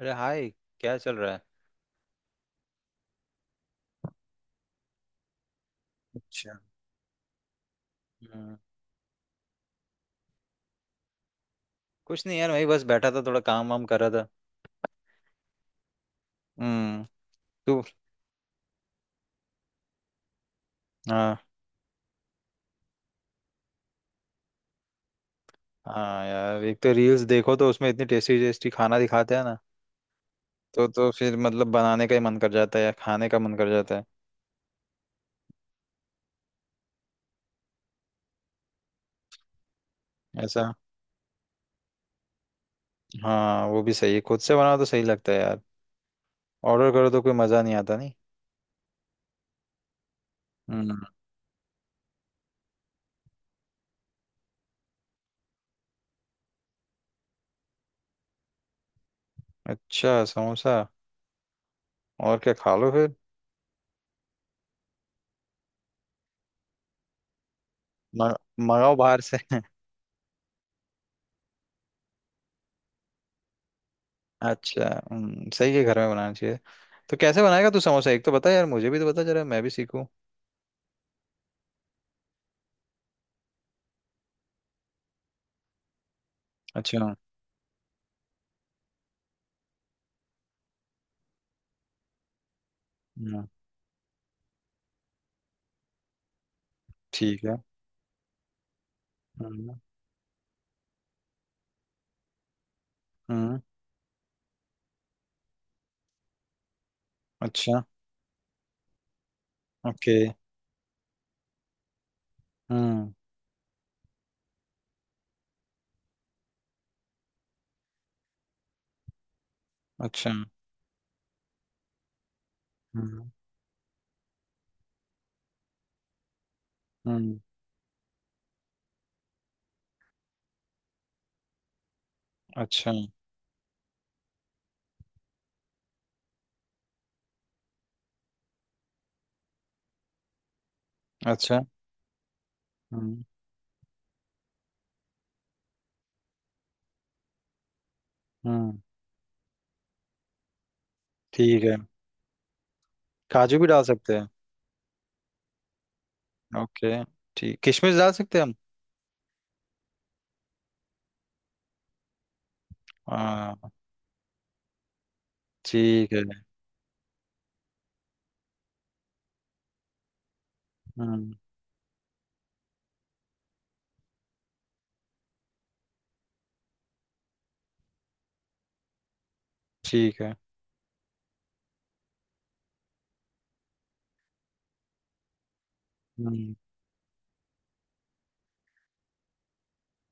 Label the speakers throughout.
Speaker 1: अरे हाय। क्या चल रहा है? अच्छा। हम्म, कुछ नहीं यार, वही बस बैठा था, थोड़ा काम वाम कर रहा था। हम्म। तू? हाँ। हाँ यार, एक तो रील्स देखो तो उसमें इतनी टेस्टी टेस्टी खाना दिखाते हैं ना। तो फिर मतलब बनाने का ही मन कर जाता है या खाने का मन कर जाता है। ऐसा। हाँ वो भी सही है, खुद से बनाओ तो सही लगता है यार। ऑर्डर करो तो कोई मजा नहीं आता, नहीं। हम्म। अच्छा समोसा। और क्या खा लो फिर? म- मंगाओ बाहर से। अच्छा। सही है, घर में बनाना चाहिए। तो कैसे बनाएगा तू समोसा, एक तो बता यार, मुझे भी तो बता जरा, मैं भी सीखूं। अच्छा। हम्म, ठीक है। हम्म। हम्म, अच्छा। ओके। हम्म। अच्छा। हम्म। हम्म, अच्छा अच्छा। हम्म। हम्म, ठीक है। काजू भी डाल सकते हैं। ओके। ठीक, किशमिश डाल सकते हैं हम? हाँ। ठीक है। हम्म। ठीक है। हम्म।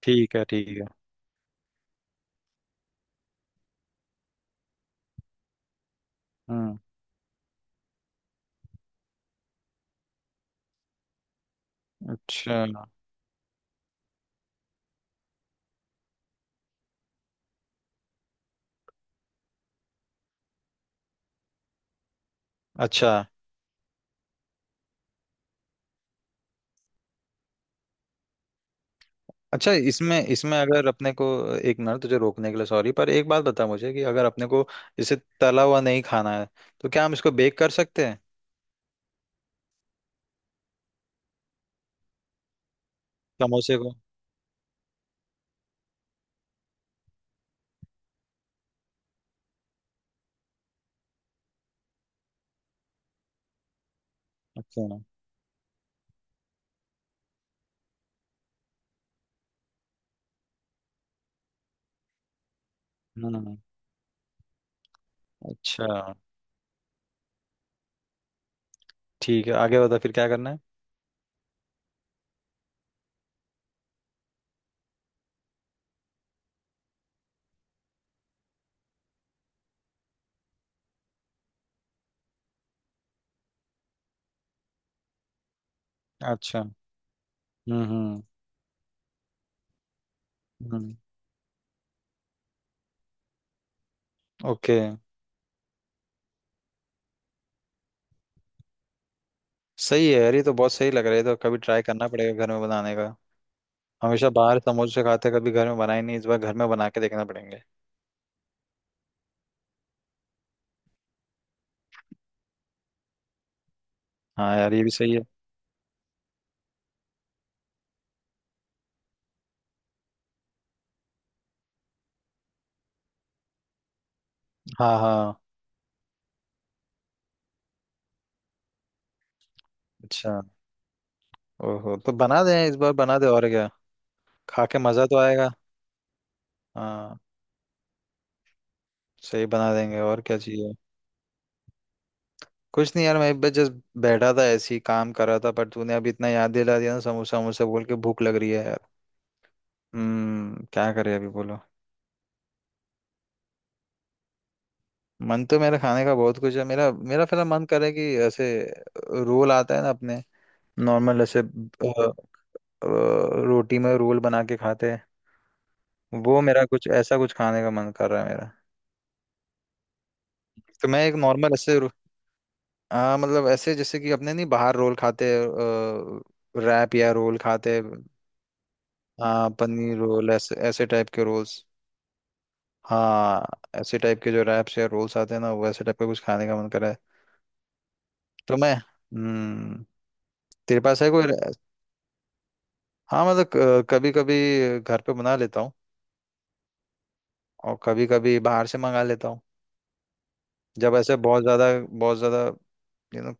Speaker 1: ठीक है। ठीक है। हम्म। अच्छा। अच्छा। अच्छा, इसमें इसमें अगर अपने को, एक मिनट तुझे रोकने के लिए सॉरी, पर एक बात बता मुझे कि अगर अपने को इसे तला हुआ नहीं खाना है तो क्या हम इसको बेक कर सकते हैं? समोसे को। अच्छा। हम्म। अच्छा। ठीक है, आगे बता फिर क्या करना है। अच्छा। हम्म। हम्म। हम्म ओके। सही है यार, ये तो बहुत सही लग रहा है, ये तो कभी ट्राई करना पड़ेगा घर में बनाने का। हमेशा बाहर समोसे खाते, कभी घर में बनाए नहीं, इस बार घर में बना के देखना पड़ेंगे। हाँ यार, ये भी सही है। हाँ हाँ। अच्छा। ओहो, तो बना दें इस बार, बना दे, और क्या। खा के मज़ा तो आएगा। हाँ। सही, बना देंगे, और क्या चाहिए। कुछ नहीं यार, मैं बस जस्ट बैठा था ऐसे ही, काम कर रहा था, पर तूने अभी इतना याद दिला दिया ना समोसा वमोसा बोल के, भूख लग रही है यार। हम्म, क्या करें अभी बोलो। मन तो मेरा खाने का बहुत कुछ है, मेरा मेरा फिलहाल मन करे कि ऐसे रोल आता है ना अपने, नॉर्मल ऐसे, अ, रोटी में रोल बना के खाते हैं वो, मेरा कुछ ऐसा कुछ खाने का मन कर रहा है मेरा। तो मैं एक नॉर्मल ऐसे, हाँ मतलब ऐसे जैसे कि अपने नहीं, बाहर रोल खाते, रैप या रोल खाते। हाँ, पनीर रोल, ऐसे ऐसे टाइप के रोल्स। हाँ, ऐसे टाइप के जो रैप्स या रोल्स आते हैं ना, वो ऐसे टाइप का कुछ खाने का मन कर रहा है। तो मैं हम्म। तेरे पास है कोई हाँ, मतलब कभी कभी घर पे बना लेता हूँ और कभी कभी बाहर से मंगा लेता हूँ। जब ऐसे बहुत ज्यादा यू नो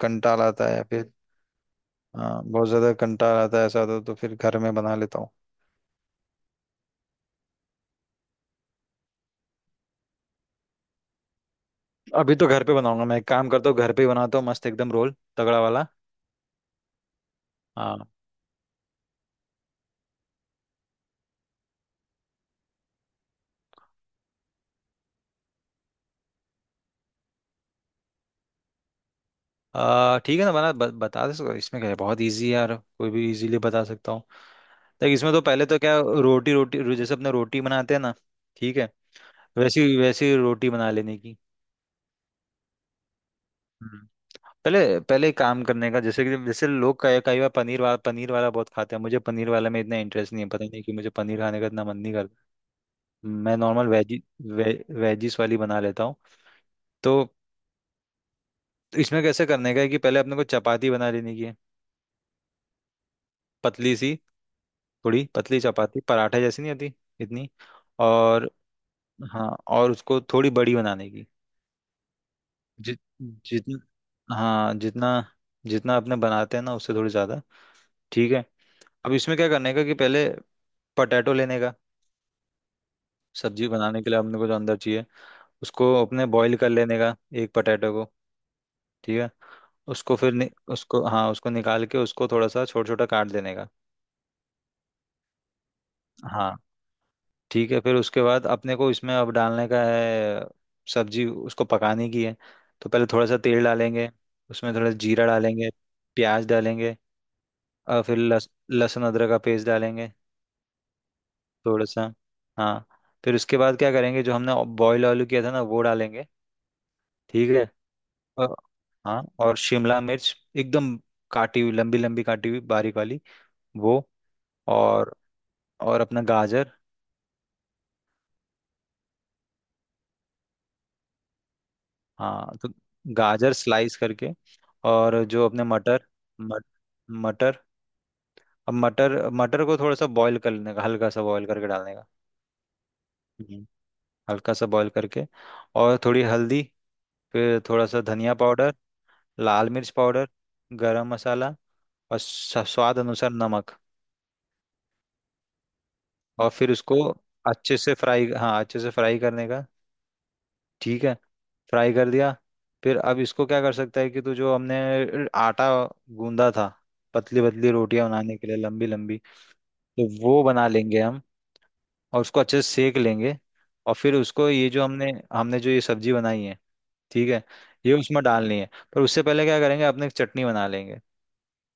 Speaker 1: कंटाल आता है या फिर, हाँ बहुत ज्यादा कंटाल आता है ऐसा तो फिर घर में बना लेता हूँ। अभी तो घर पे बनाऊंगा, मैं एक काम करता हूँ घर पे ही बनाता हूँ मस्त एकदम रोल, तगड़ा वाला। हाँ। ठीक है ना, बना, बता दे सकते हो। इसमें क्या है, बहुत इजी है यार, कोई भी इजीली बता सकता हूँ। देख, इसमें तो पहले तो क्या, रोटी रोटी रो- जैसे अपने रोटी बनाते हैं ना, ठीक है, वैसी वैसी रोटी बना लेने की। हम्म। पहले पहले एक काम करने का, जैसे कि जैसे लोग कई कई बार पनीर वाला बहुत खाते हैं, मुझे पनीर वाला में इतना इंटरेस्ट नहीं है, पता नहीं कि मुझे पनीर खाने का इतना मन नहीं करता। मैं नॉर्मल वेजी, वेजिस वाली बना लेता हूँ। तो इसमें कैसे करने का है कि पहले अपने को चपाती बना लेनी की है, पतली सी, थोड़ी पतली चपाती, पराठे जैसी नहीं आती इतनी। और, हाँ, और उसको थोड़ी बड़ी बनाने की। जि, जितना, हाँ जितना, जितना अपने बनाते हैं ना उससे थोड़ी ज्यादा। ठीक है। अब इसमें क्या करने का कि पहले पटैटो लेने का, सब्जी बनाने के लिए अपने को जो अंदर चाहिए उसको अपने बॉईल कर लेने का, एक पटैटो को। ठीक है। उसको फिर नि, उसको हाँ उसको निकाल के उसको थोड़ा सा छोटा छोटा काट देने का। हाँ। ठीक है, फिर उसके बाद अपने को इसमें अब डालने का है सब्जी, उसको पकाने की है। तो पहले थोड़ा सा तेल डालेंगे, उसमें थोड़ा जीरा डालेंगे, प्याज डालेंगे, और फिर लहसुन अदरक का पेस्ट डालेंगे थोड़ा सा। हाँ। फिर उसके बाद क्या करेंगे, जो हमने बॉयल आलू किया था ना वो डालेंगे। ठीक है। और, हाँ, और शिमला मिर्च एकदम, काटी हुई, लंबी लंबी काटी हुई बारीक वाली वो। और और अपना गाजर। हाँ तो गाजर स्लाइस करके, और जो अपने मटर, मट, मटर, अब मटर मटर को थोड़ा सा बॉईल कर लेने का, हल्का सा बॉईल करके डालने का। हम्म। हल्का सा बॉईल करके, और थोड़ी हल्दी, फिर थोड़ा सा धनिया पाउडर, लाल मिर्च पाउडर, गरम मसाला, और स्वाद अनुसार नमक। और फिर उसको अच्छे से फ्राई, हाँ अच्छे से फ्राई करने का। ठीक है। फ्राई कर दिया। फिर अब इसको क्या कर सकता है कि तू, जो हमने आटा गूंदा था, पतली पतली रोटियां बनाने के लिए लंबी लंबी, तो वो बना लेंगे हम, और उसको अच्छे से सेक लेंगे। और फिर उसको ये जो हमने हमने जो ये सब्जी बनाई है, ठीक है, ये उसमें डालनी है। पर उससे पहले क्या करेंगे, अपने एक चटनी बना लेंगे,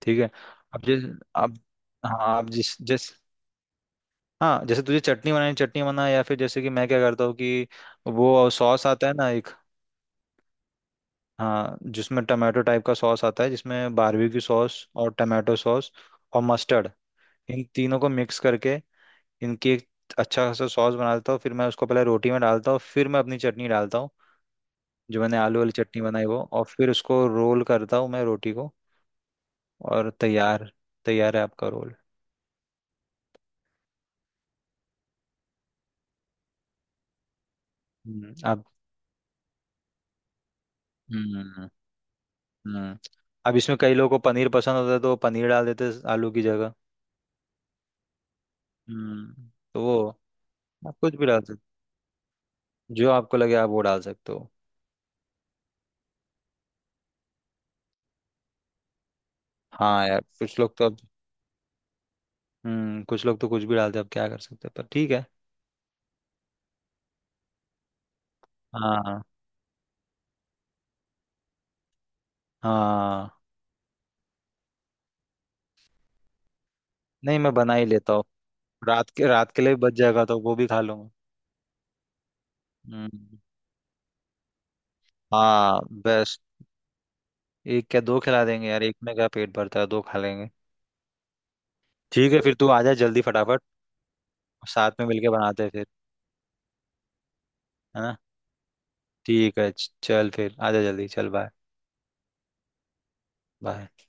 Speaker 1: ठीक है। अब जिस अब, हाँ, अब जिस जिस हाँ, जैसे तुझे चटनी बनानी, चटनी बना, या फिर जैसे कि मैं क्या करता हूँ कि वो सॉस आता है ना, हाँ जिसमें टमाटो टाइप का सॉस आता है, जिसमें बारबेक्यू सॉस और टमाटो सॉस और मस्टर्ड, इन तीनों को मिक्स करके इनकी एक अच्छा खासा सॉस बना देता हूँ। फिर मैं उसको पहले रोटी में डालता हूँ, फिर मैं अपनी चटनी डालता हूँ, जो मैंने आलू वाली चटनी बनाई वो, और फिर उसको रोल करता हूँ मैं रोटी को, और तैयार, तैयार है आपका रोल। हम्म, अब हम्म हम्म अब इसमें कई लोगों को पनीर पसंद होता है तो वो पनीर डाल देते हैं आलू की जगह। तो वो आप कुछ भी डाल सकते, जो आपको लगे आप वो डाल सकते हो। हाँ यार कुछ लोग तो, अब कुछ लोग तो कुछ भी डालते हैं, अब क्या कर सकते हैं, पर ठीक है। हाँ हाँ। नहीं, मैं बना ही लेता हूँ, रात के लिए भी बच जाएगा तो वो भी खा लूंगा। हम्म। हाँ, बेस्ट। एक क्या, दो खिला देंगे यार, एक में क्या पेट भरता है, दो खा लेंगे। ठीक है, फिर तू आ जा जल्दी फटाफट, साथ में मिलके बनाते हैं फिर, है ना। ठीक है, चल, फिर आ जा जल्दी, चल बाय। बाय।